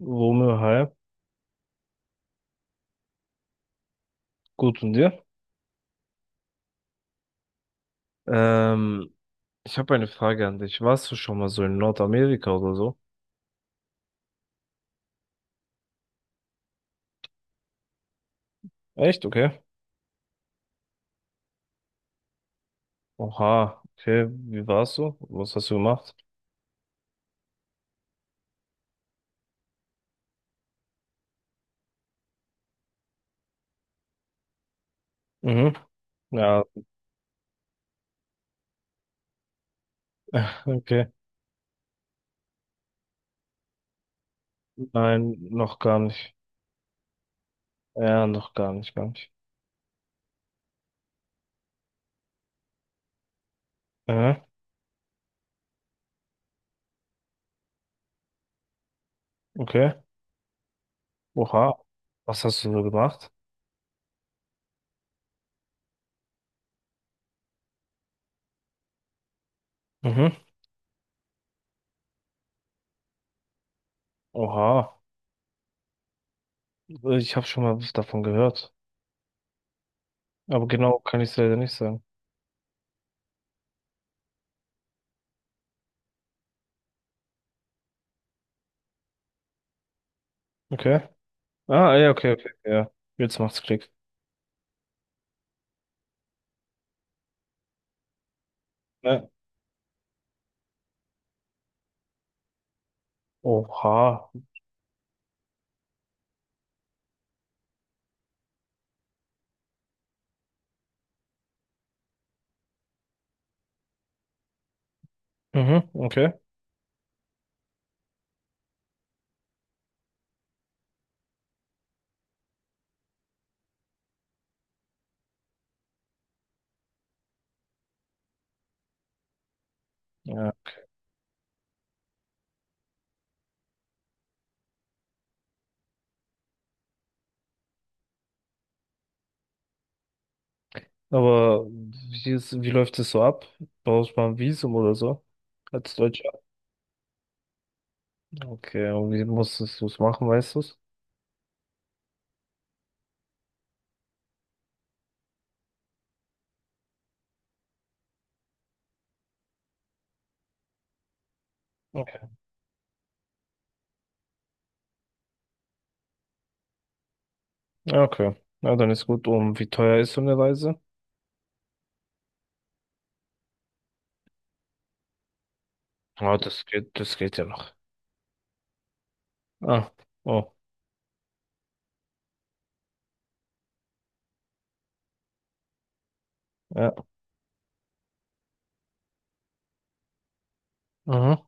Romeo Halb, gut und dir? Ähm, Ich habe eine Frage an dich. Warst du schon mal so in Nordamerika oder so? Echt? Okay. Oha, okay. Wie warst du? Was hast du gemacht? Mhm. Ja, okay. Nein, noch gar nicht. Ja, noch gar nicht, gar nicht. Mhm. Okay. Oha. Was hast du so gemacht? Mhm. Oha. Ich habe schon mal was davon gehört. Aber genau kann ich es leider nicht sagen. Okay. Ah, ja, okay, okay. Ja. Jetzt macht's Klick. Ne. Oha. Mhm, okay. Ja. Aber wie läuft es so ab? Brauchst du mal ein Visum oder so? Als Deutscher? Okay, und wie musstest du es machen, weißt du es? Okay. Ja, okay. Na, dann ist gut. Und wie teuer ist so eine Reise? Ah, das geht ja noch. Ah, oh, ja. Mhm.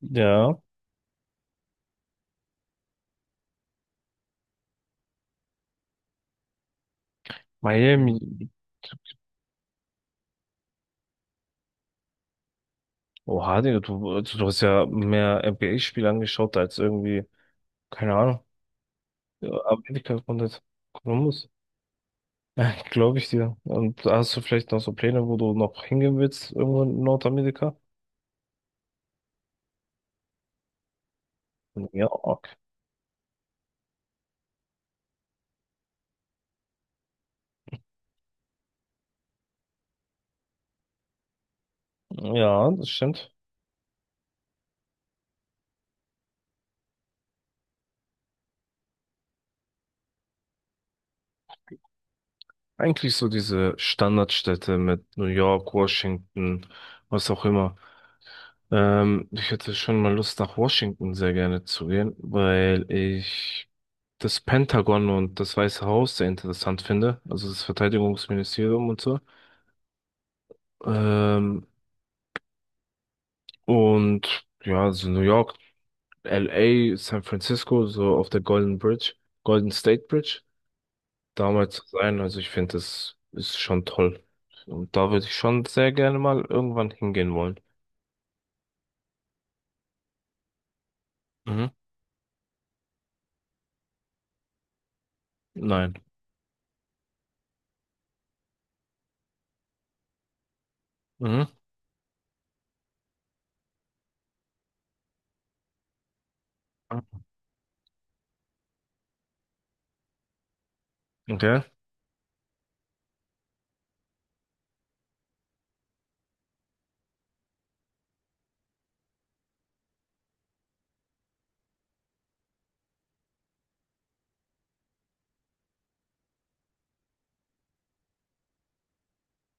Ja. Miami. Oha, Digga, du, also du hast ja mehr NBA-Spiele angeschaut als irgendwie, keine Ahnung, Amerika und jetzt Columbus. Ja, glaube ich dir. Und hast du vielleicht noch so Pläne, wo du noch hingehen willst, irgendwo in Nordamerika? Ja, okay. Ja, das stimmt. Eigentlich so diese Standardstädte mit New York, Washington, was auch immer. Ich hätte schon mal Lust, nach Washington sehr gerne zu gehen, weil ich das Pentagon und das Weiße Haus sehr interessant finde. Also das Verteidigungsministerium und so. Ähm, und ja, also New York. LA, San Francisco, so auf der Golden Bridge, Golden State Bridge, damals zu sein. Also ich finde, das ist schon toll. Und da würde ich schon sehr gerne mal irgendwann hingehen wollen. Mhm. Nein. Mhm. Okay.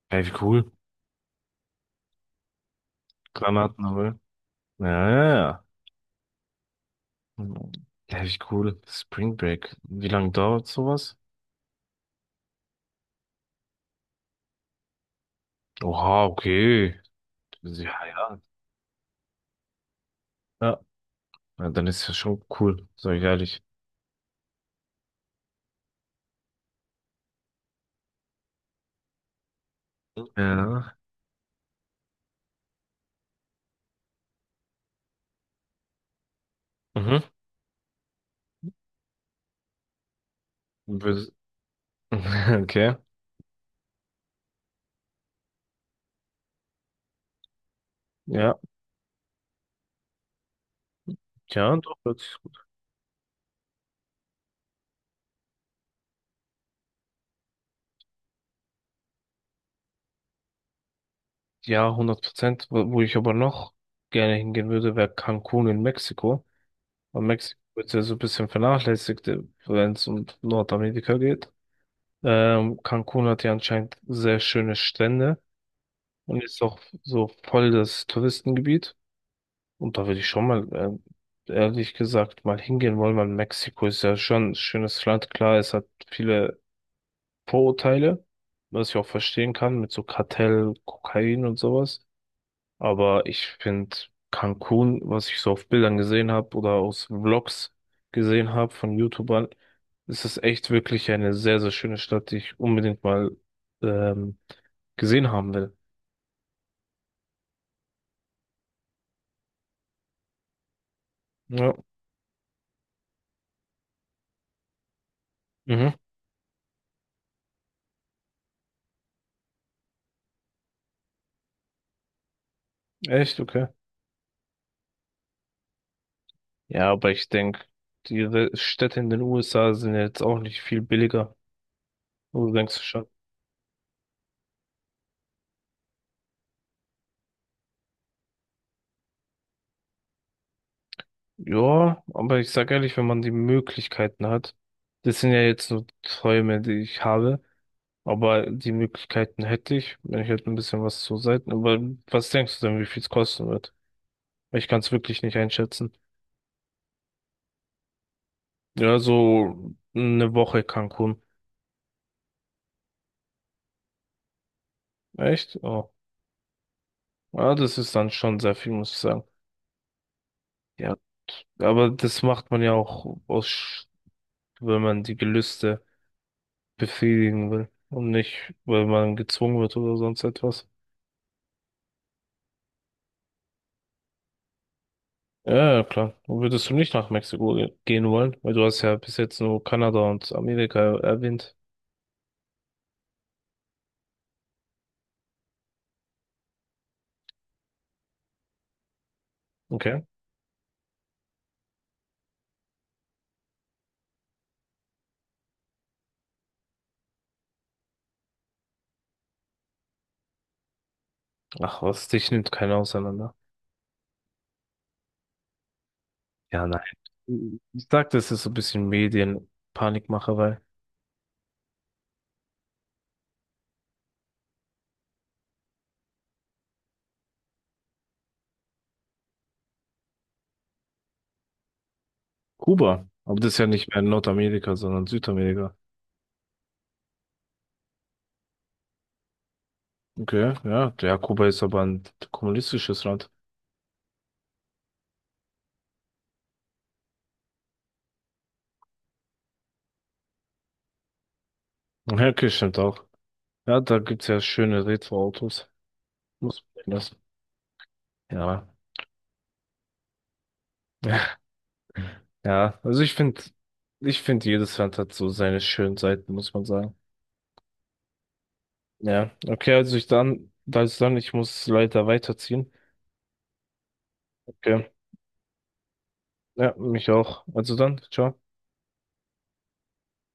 Ey, wie cool. Granaten, aber. Ja, ja, ja. Mhm. Ja, wie cool. Spring Break. Wie lange dauert sowas? Oha, okay. Ja, ja. Ja. Ja, dann ist ja schon cool, sag ich ehrlich. Ja. Mhm. Wür- okay. Ja. Ja, doch, hört sich gut. Ja, hundert Prozent. Wo ich aber noch gerne hingehen würde, wäre Cancun in Mexiko. Weil Mexiko wird ja so ein bisschen vernachlässigt, wenn es um Nordamerika geht. Cancun hat ja anscheinend sehr schöne Strände und ist auch so voll das Touristengebiet. Und da würde ich schon mal, ehrlich gesagt, mal hingehen wollen, weil Mexiko ist ja schon ein schönes Land. Klar, es hat viele Vorurteile, was ich auch verstehen kann, mit so Kartell, Kokain und sowas. Aber ich finde Cancun, was ich so auf Bildern gesehen habe oder aus Vlogs gesehen habe von YouTubern, ist es echt wirklich eine sehr, sehr schöne Stadt, die ich unbedingt mal ähm, gesehen haben will. Ja, mhm. Echt, okay. Ja, aber ich denke, die Städte in den USA sind ja jetzt auch nicht viel billiger. Oder denkst du schon? Ja, aber ich sag ehrlich, wenn man die Möglichkeiten hat, das sind ja jetzt nur Träume, die ich habe. Aber die Möglichkeiten hätte ich, wenn ich halt ein bisschen was zur Seite. Aber was denkst du denn, wie viel es kosten wird? Ich kann es wirklich nicht einschätzen. Ja, so eine Woche Cancun. Echt? Oh. Ja, das ist dann schon sehr viel, muss ich sagen. Ja. Aber das macht man ja auch aus, wenn man die Gelüste befriedigen will. Und nicht, weil man gezwungen wird oder sonst etwas. Ja, ja, klar. Und würdest du nicht nach Mexiko gehen wollen? Weil du hast ja bis jetzt nur Kanada und Amerika erwähnt. Okay. Ach was, dich nimmt keiner auseinander. Ja, nein. Ich sag, das ist so ein bisschen Medienpanikmacherei. Kuba. Aber das ist ja nicht mehr Nordamerika, sondern Südamerika. Okay, ja. Ja, Kuba ist aber ein kommunistisches Land. Ja, okay, stimmt auch. Ja, da gibt's ja schöne Retro-Autos. Muss man lassen. Ja. Ja, also ich finde, jedes Land hat so seine schönen Seiten, muss man sagen. Ja, okay, also ich dann, also dann, ich muss leider weiterziehen. Okay. Ja, mich auch. Also dann, ciao.